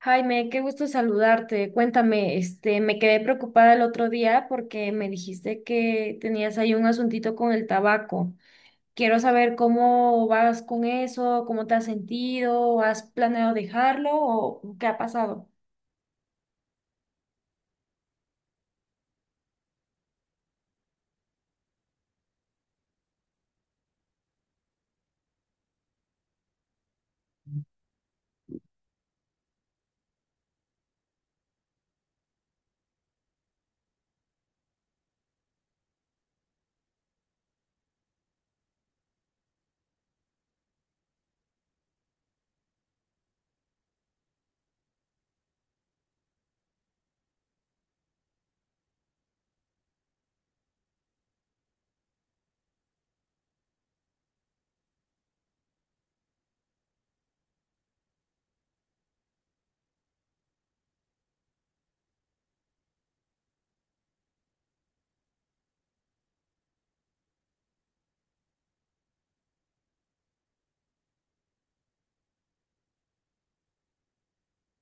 Jaime, qué gusto saludarte. Cuéntame, me quedé preocupada el otro día porque me dijiste que tenías ahí un asuntito con el tabaco. Quiero saber cómo vas con eso, cómo te has sentido, ¿has planeado dejarlo o qué ha pasado?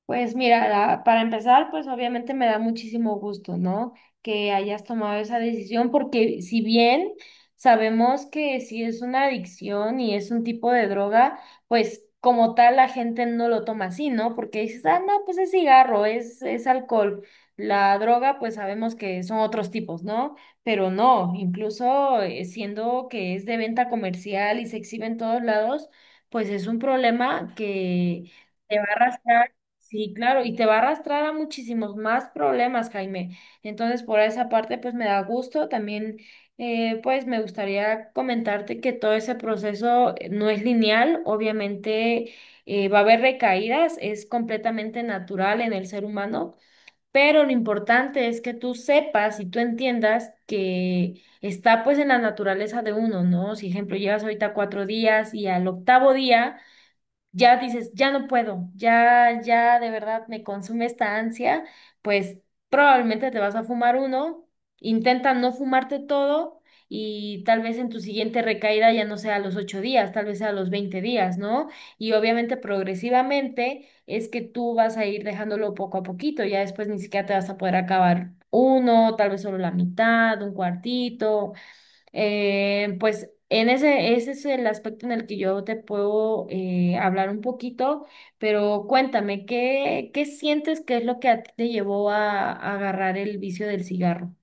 Pues mira, para empezar, pues obviamente me da muchísimo gusto, ¿no? Que hayas tomado esa decisión, porque si bien sabemos que si es una adicción y es un tipo de droga, pues como tal la gente no lo toma así, ¿no? Porque dices, ah, no, pues es cigarro, es alcohol. La droga, pues sabemos que son otros tipos, ¿no? Pero no, incluso siendo que es de venta comercial y se exhibe en todos lados, pues es un problema Te va a arrastrar. Sí, claro, y te va a arrastrar a muchísimos más problemas, Jaime. Entonces, por esa parte, pues me da gusto. También, pues me gustaría comentarte que todo ese proceso no es lineal. Obviamente, va a haber recaídas, es completamente natural en el ser humano, pero lo importante es que tú sepas y tú entiendas que está pues en la naturaleza de uno, ¿no? Si, ejemplo, llevas ahorita 4 días y al octavo día ya dices, ya no puedo, ya, ya de verdad me consume esta ansia, pues probablemente te vas a fumar uno, intenta no fumarte todo y tal vez en tu siguiente recaída ya no sea a los 8 días, tal vez sea a los 20 días, ¿no? Y obviamente progresivamente es que tú vas a ir dejándolo poco a poquito, ya después ni siquiera te vas a poder acabar uno, tal vez solo la mitad, un cuartito, pues en ese, ese es el aspecto en el que yo te puedo hablar un poquito, pero cuéntame, ¿qué, qué sientes que es lo que a ti te llevó a agarrar el vicio del cigarro?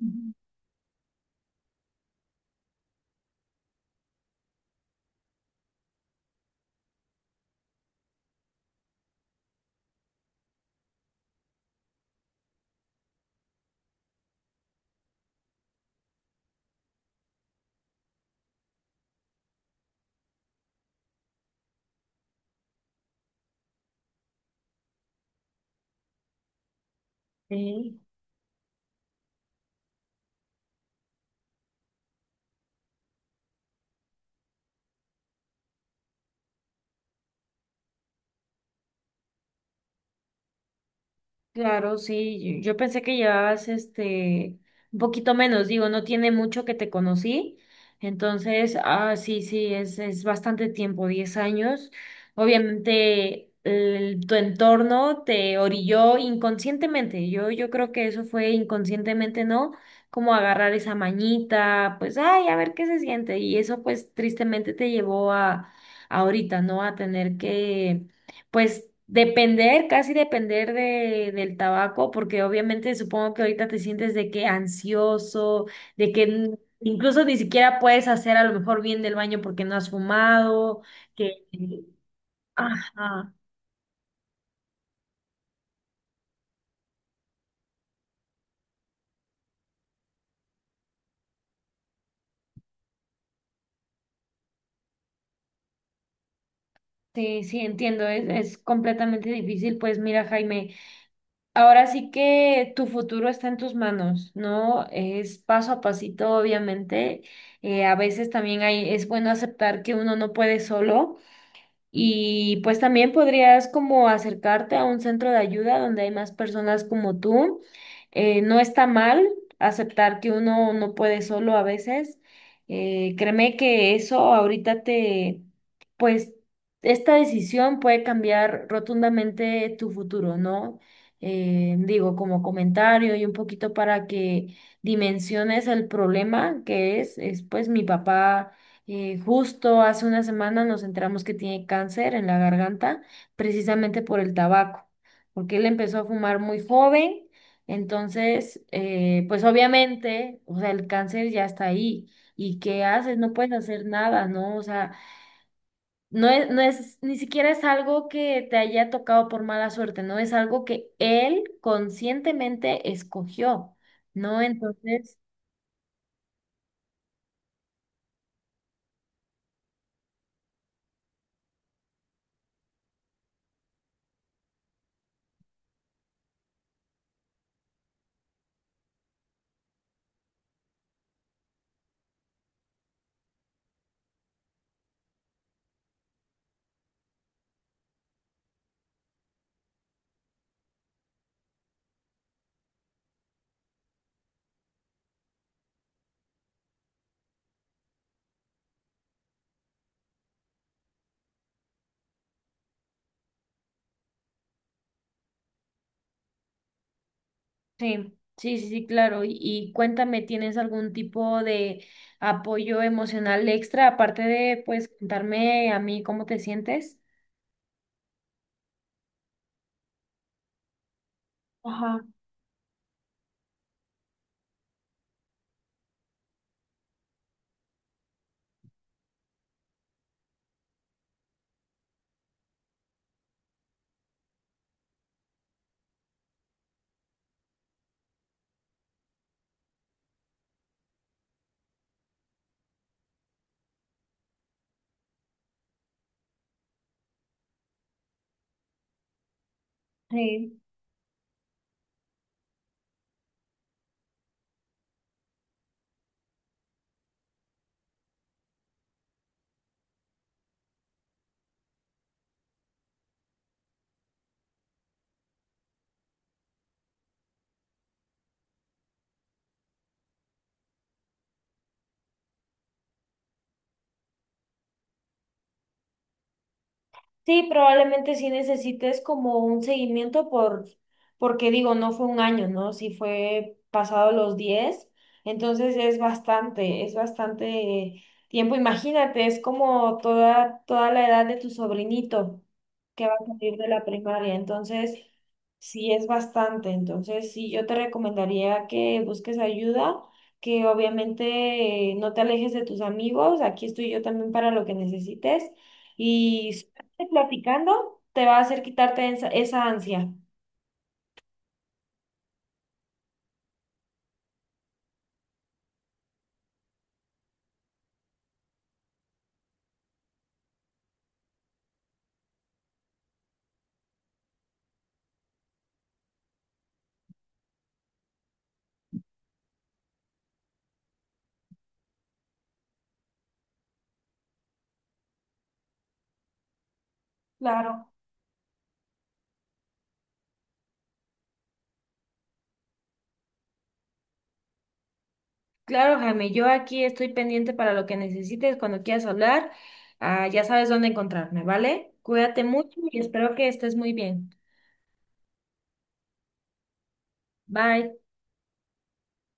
Ujú. Ok. Claro, sí, yo pensé que llevabas este un poquito menos, digo, no tiene mucho que te conocí, entonces, ah, sí, sí, es bastante tiempo, 10 años. Obviamente, tu entorno te orilló inconscientemente, yo creo que eso fue inconscientemente, ¿no? Como agarrar esa mañita, pues, ay, a ver qué se siente, y eso pues tristemente te llevó a ahorita, ¿no? A tener que pues depender, casi depender del tabaco, porque obviamente supongo que ahorita te sientes de que ansioso, de que incluso ni siquiera puedes hacer a lo mejor bien del baño porque no has fumado, que... Ajá. Sí, sí, entiendo, es completamente difícil. Pues mira, Jaime, ahora sí que tu futuro está en tus manos, ¿no? Es paso a pasito, obviamente. A veces también hay, es bueno aceptar que uno no puede solo. Y pues también podrías como acercarte a un centro de ayuda donde hay más personas como tú. No está mal aceptar que uno no puede solo a veces. Créeme que eso ahorita te, pues esta decisión puede cambiar rotundamente tu futuro, ¿no? Digo, como comentario y un poquito para que dimensiones el problema que es pues mi papá justo hace una semana nos enteramos que tiene cáncer en la garganta, precisamente por el tabaco, porque él empezó a fumar muy joven, entonces, pues obviamente, o sea, el cáncer ya está ahí. ¿Y qué haces? No puedes hacer nada, ¿no? O sea, no es, ni siquiera es algo que te haya tocado por mala suerte, no es algo que él conscientemente escogió, ¿no? Entonces... Sí, sí, sí, sí, claro. Y cuéntame, ¿tienes algún tipo de apoyo emocional extra aparte de, pues, contarme a mí cómo te sientes? Ajá. Sí. Sí, probablemente sí necesites como un seguimiento porque digo, no fue un año, ¿no? Sí fue pasado los diez, entonces es bastante tiempo. Imagínate, es como toda, toda la edad de tu sobrinito que va a salir de la primaria, entonces sí es bastante. Entonces sí, yo te recomendaría que busques ayuda, que obviamente no te alejes de tus amigos, aquí estoy yo también para lo que necesites. Y platicando te va a hacer quitarte esa ansia. Claro. Claro, Jaime, yo aquí estoy pendiente para lo que necesites cuando quieras hablar. Ah, ya sabes dónde encontrarme, ¿vale? Cuídate mucho y espero que estés muy bien. Bye.